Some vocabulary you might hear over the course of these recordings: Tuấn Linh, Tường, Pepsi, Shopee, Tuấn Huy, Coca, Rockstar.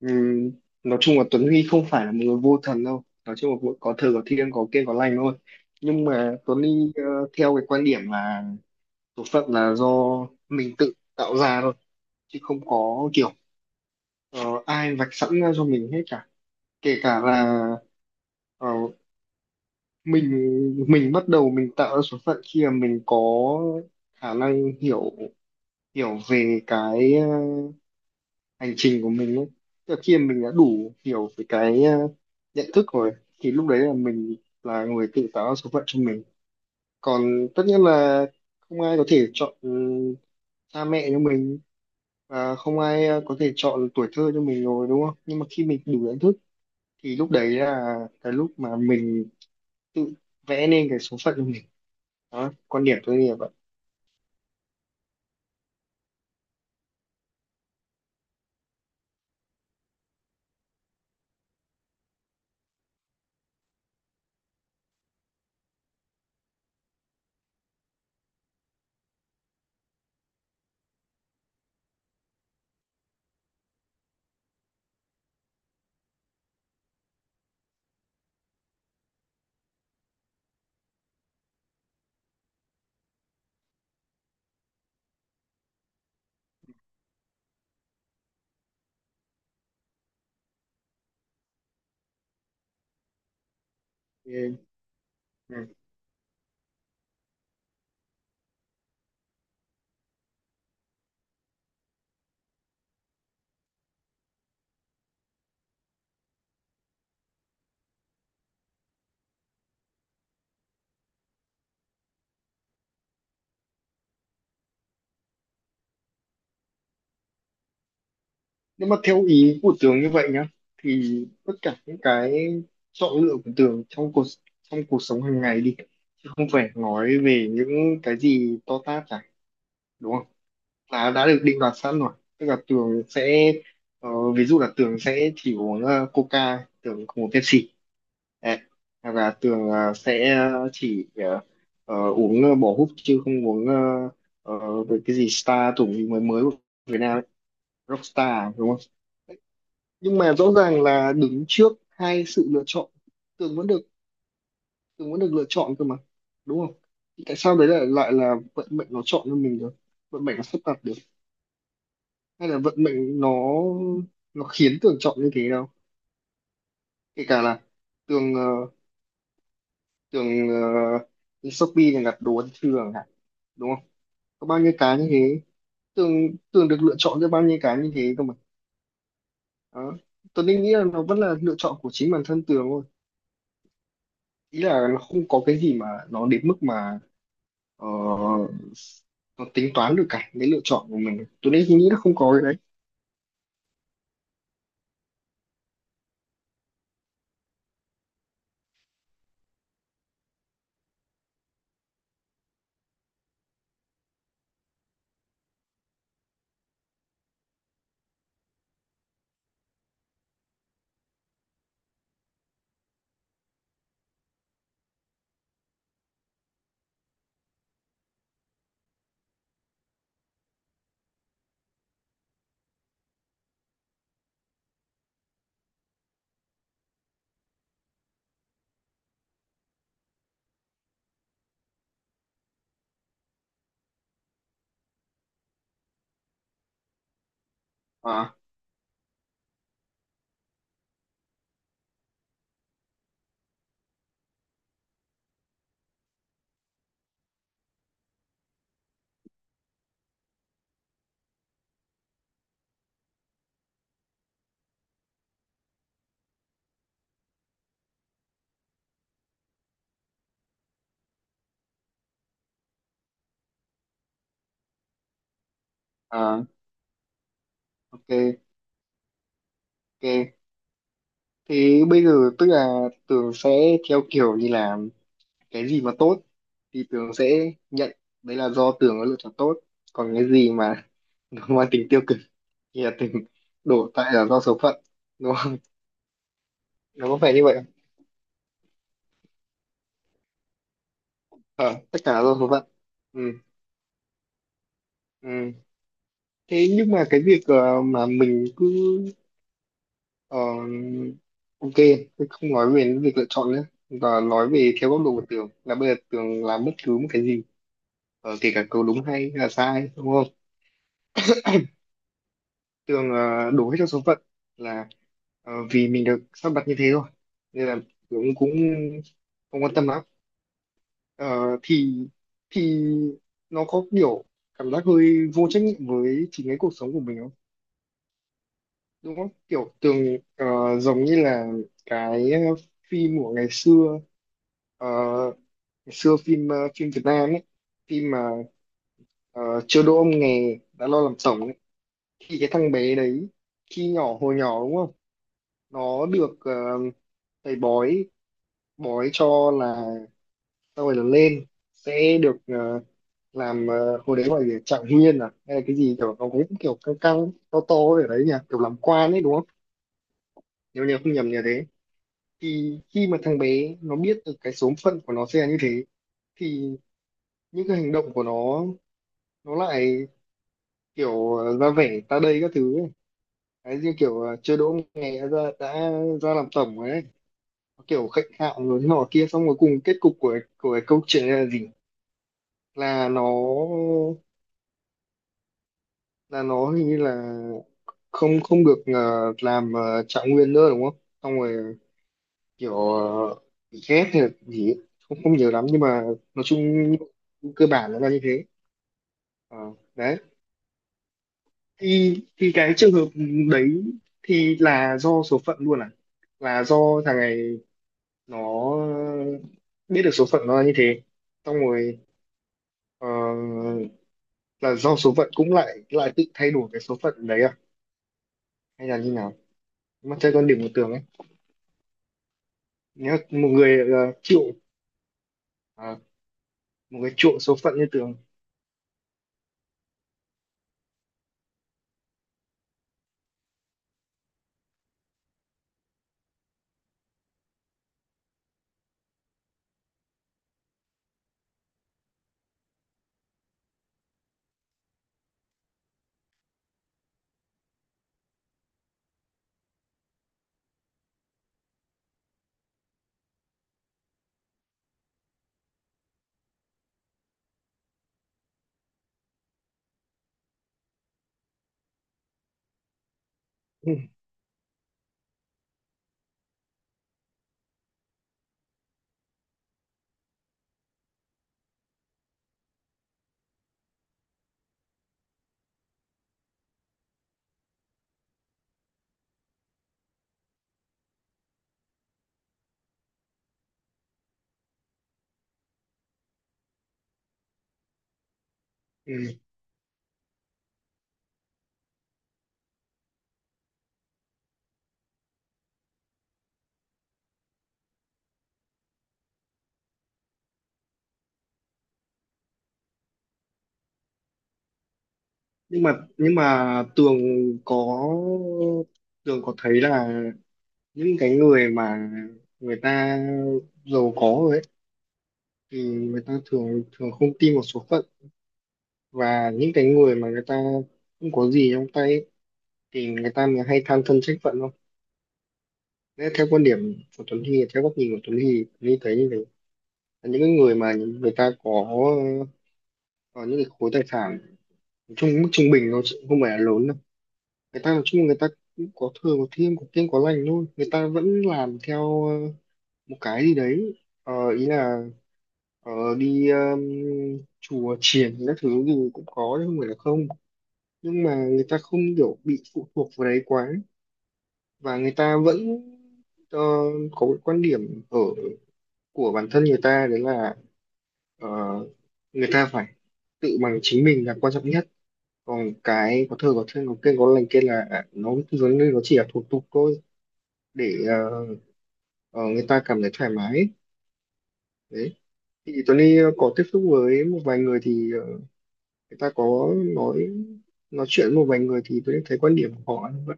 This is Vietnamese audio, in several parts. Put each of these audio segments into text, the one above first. Ừ, nói chung là Tuấn Huy không phải là một người vô thần đâu, nói chung là cũng có thờ có thiêng có kiêng có lành thôi, nhưng mà Tuấn Huy theo cái quan điểm là số phận là do mình tự tạo ra thôi, chứ không có kiểu ờ, ai vạch sẵn ra cho mình hết cả, kể cả là ờ, mình mình bắt đầu mình tạo ra số phận khi mà mình có khả năng hiểu hiểu về cái hành trình của mình ấy. Tức là khi mà mình đã đủ hiểu về cái nhận thức rồi thì lúc đấy là mình là người tự tạo ra số phận cho mình, còn tất nhiên là không ai có thể chọn cha mẹ cho mình, và không ai có thể chọn tuổi thơ cho mình rồi, đúng không? Nhưng mà khi mình đủ nhận thức thì lúc đấy là cái lúc mà mình tự vẽ nên cái số phận của mình. Đó, quan điểm tôi như vậy. Ừ. Nếu mà theo ý của Tường như vậy nhá, thì tất cả những cái chọn lựa của Tường trong cuộc sống hàng ngày đi, chứ không phải nói về những cái gì to tát cả, đúng không, là đã được định đoạt sẵn rồi, tức là Tường sẽ ờ, ví dụ là Tường sẽ chỉ uống Coca, Tường không uống Pepsi. Đấy. Hoặc là Tường sẽ chỉ uống bỏ húp, chứ không uống về cái gì Star tưởng gì mới mới của Việt Nam ấy. Rockstar đúng không? Nhưng mà rõ ràng là đứng trước hai sự lựa chọn, Tường vẫn được Tường vẫn được lựa chọn cơ mà, đúng không? Thì tại sao đấy lại lại là vận mệnh nó chọn cho mình được, vận mệnh nó sắp đặt được, hay là vận mệnh nó khiến Tường chọn như thế đâu? Kể cả là Tường Tường đi Shopee là đặt đồ ăn trưa chẳng hạn, đúng không, có bao nhiêu cái như thế, Tường Tường được lựa chọn cho bao nhiêu cái như thế cơ mà. Đó, Tường nghĩ là nó vẫn là lựa chọn của chính bản thân Tường thôi, ý là nó không có cái gì mà nó đến mức mà ờ, nó tính toán được cả cái lựa chọn của mình, tôi đấy nghĩ là không có cái đấy. À, à, ok, ok, thế bây giờ tức là Tường sẽ theo kiểu như là cái gì mà tốt thì Tường sẽ nhận đấy là do Tường có lựa chọn tốt, còn cái gì mà nó mang tính tiêu cực thì là Tường đổ tại là do số phận, đúng không, nó có phải như vậy không? Ờ, tất cả là do số phận. Ừ, ừ. Thế nhưng mà cái việc mà mình cứ Ờ, ok, thế không nói về những việc lựa chọn nữa, và nói về theo góc độ của Tường là bây giờ Tường làm bất cứ một cái gì, kể cả câu đúng hay là sai, đúng không? Tường đổ hết cho số phận, là vì mình được sắp đặt như thế thôi, nên là Tường cũng không quan tâm lắm. Ờ, thì thì nó có kiểu cảm giác hơi vô trách nhiệm với chính cái cuộc sống của mình không? Đúng không? Kiểu Tường ờ, giống như là cái phim của ngày xưa, ờ, ngày xưa phim phim Việt Nam ấy, phim mà ờ, chưa đỗ ông nghề đã lo làm tổng ấy, thì cái thằng bé đấy khi nhỏ hồi nhỏ đúng không, nó được thầy bói bói cho là sau này lớn lên sẽ được làm hồi đấy gọi là trạng nguyên à, hay là cái gì kiểu nó cũng kiểu căng căng to to ở đấy nhỉ, kiểu làm quan ấy đúng không, nếu nhớ không nhầm nhờ thế. Thì khi mà thằng bé nó biết được cái số phận của nó sẽ là như thế, thì những cái hành động của nó lại kiểu ra vẻ ta đây các thứ ấy. Đấy, như kiểu chưa đỗ nghề đã, đã ra làm tổng rồi ấy. Nó kiểu khệnh khạo rồi thế nọ kia, xong rồi cùng kết cục của cái câu chuyện này là gì, là nó hình như là không không được làm trạng nguyên nữa đúng không, xong rồi kiểu bị ghét hay là gì ấy. Không không nhiều lắm nhưng mà nói chung cơ bản nó là như thế. Ờ, đấy, thì cái trường hợp đấy thì là do số phận luôn à, là do thằng này nó biết được số phận nó là như thế, xong rồi ờ, là do số phận cũng lại lại tự thay đổi cái số phận đấy à, hay là như nào mà chơi con điểm của Tường ấy? Nếu một người chịu ờ, một cái chuộng số phận như Tường. Ừ. Ừ. nhưng mà nhưng mà Tường có thấy là những cái người mà người ta giàu có rồi ấy, thì người ta thường thường không tin vào số phận, và những cái người mà người ta không có gì trong tay ấy, thì người ta mới hay than thân trách phận không? Nếu theo quan điểm của Tuấn Huy, theo góc nhìn của Tuấn Huy, Tuấn Huy thấy như vậy, là những cái người mà người ta có những cái khối tài sản trung mức trung bình nó sẽ không phải là lớn đâu, người ta nói chung là người ta cũng có thừa có thiêm có kiêng có lành luôn, người ta vẫn làm theo một cái gì đấy. Ờ, ý là ờ, đi chùa chiền các thứ gì cũng có chứ không phải là không, nhưng mà người ta không kiểu bị phụ thuộc vào đấy quá, và người ta vẫn ờ, có cái quan điểm ở của bản thân người ta, đấy là ờ, người ta phải tự bằng chính mình là quan trọng nhất, còn cái có thơ có kênh có lành kia là à, nó chỉ là thủ tục thôi để người ta cảm thấy thoải mái. Đấy, thì Tony có tiếp xúc với một vài người thì người ta có nói chuyện với một vài người thì tôi thấy quan điểm của họ như vậy.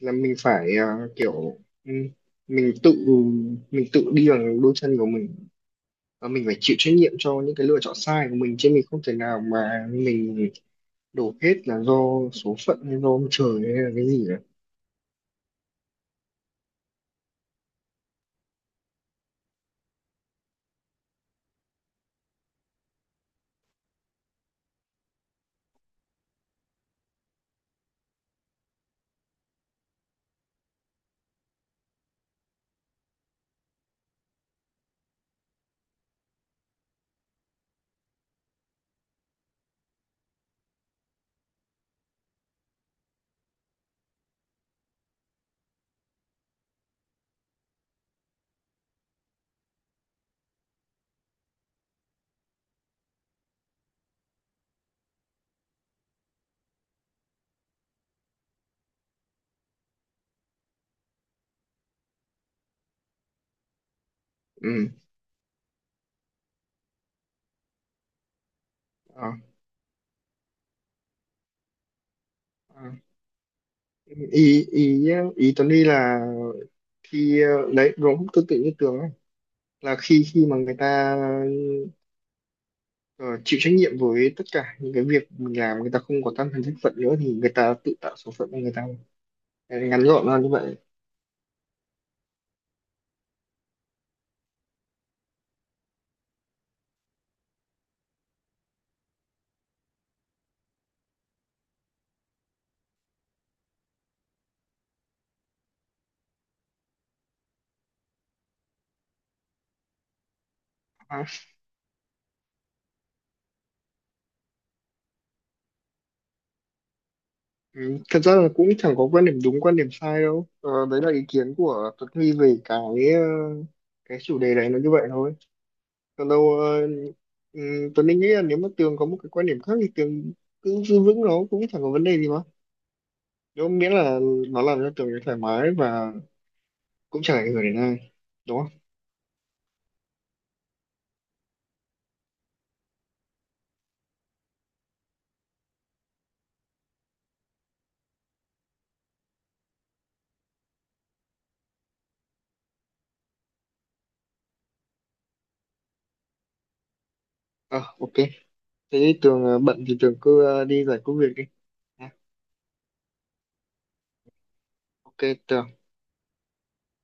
Là mình phải kiểu ừ, mình tự mình tự đi bằng đôi chân của mình, và mình phải chịu trách nhiệm cho những cái lựa chọn sai của mình, chứ mình không thể nào mà mình đổ hết là do số phận hay do ông trời hay là cái gì cả. Ừ. À, à. Ý ý Ý Tuấn đi là khi đấy đúng tương tự như Tường ấy, là khi khi mà người ta ờ, chịu trách nhiệm với tất cả những cái việc mình làm, người ta không có tâm thần trách phận nữa, thì người ta tự tạo số phận của người ta. Đấy, ngắn gọn là như vậy. À, ừ, thật ra là cũng chẳng có quan điểm đúng quan điểm sai đâu. Ờ, đấy là ý kiến của Tuấn Huy về cái ờ, cái chủ đề này nó như vậy thôi, còn đâu Tuấn Linh nghĩ là nếu mà Tường có một cái quan điểm khác thì Tường cứ giữ vững, nó cũng chẳng có vấn đề gì mà, nếu miễn là nó làm cho Tường thấy thoải mái và cũng chẳng ảnh hưởng đến ai, đúng không? À, ok, thế thì Tường bận thì Tường cứ đi giải quyết việc đi. Nha. Ok, Tường.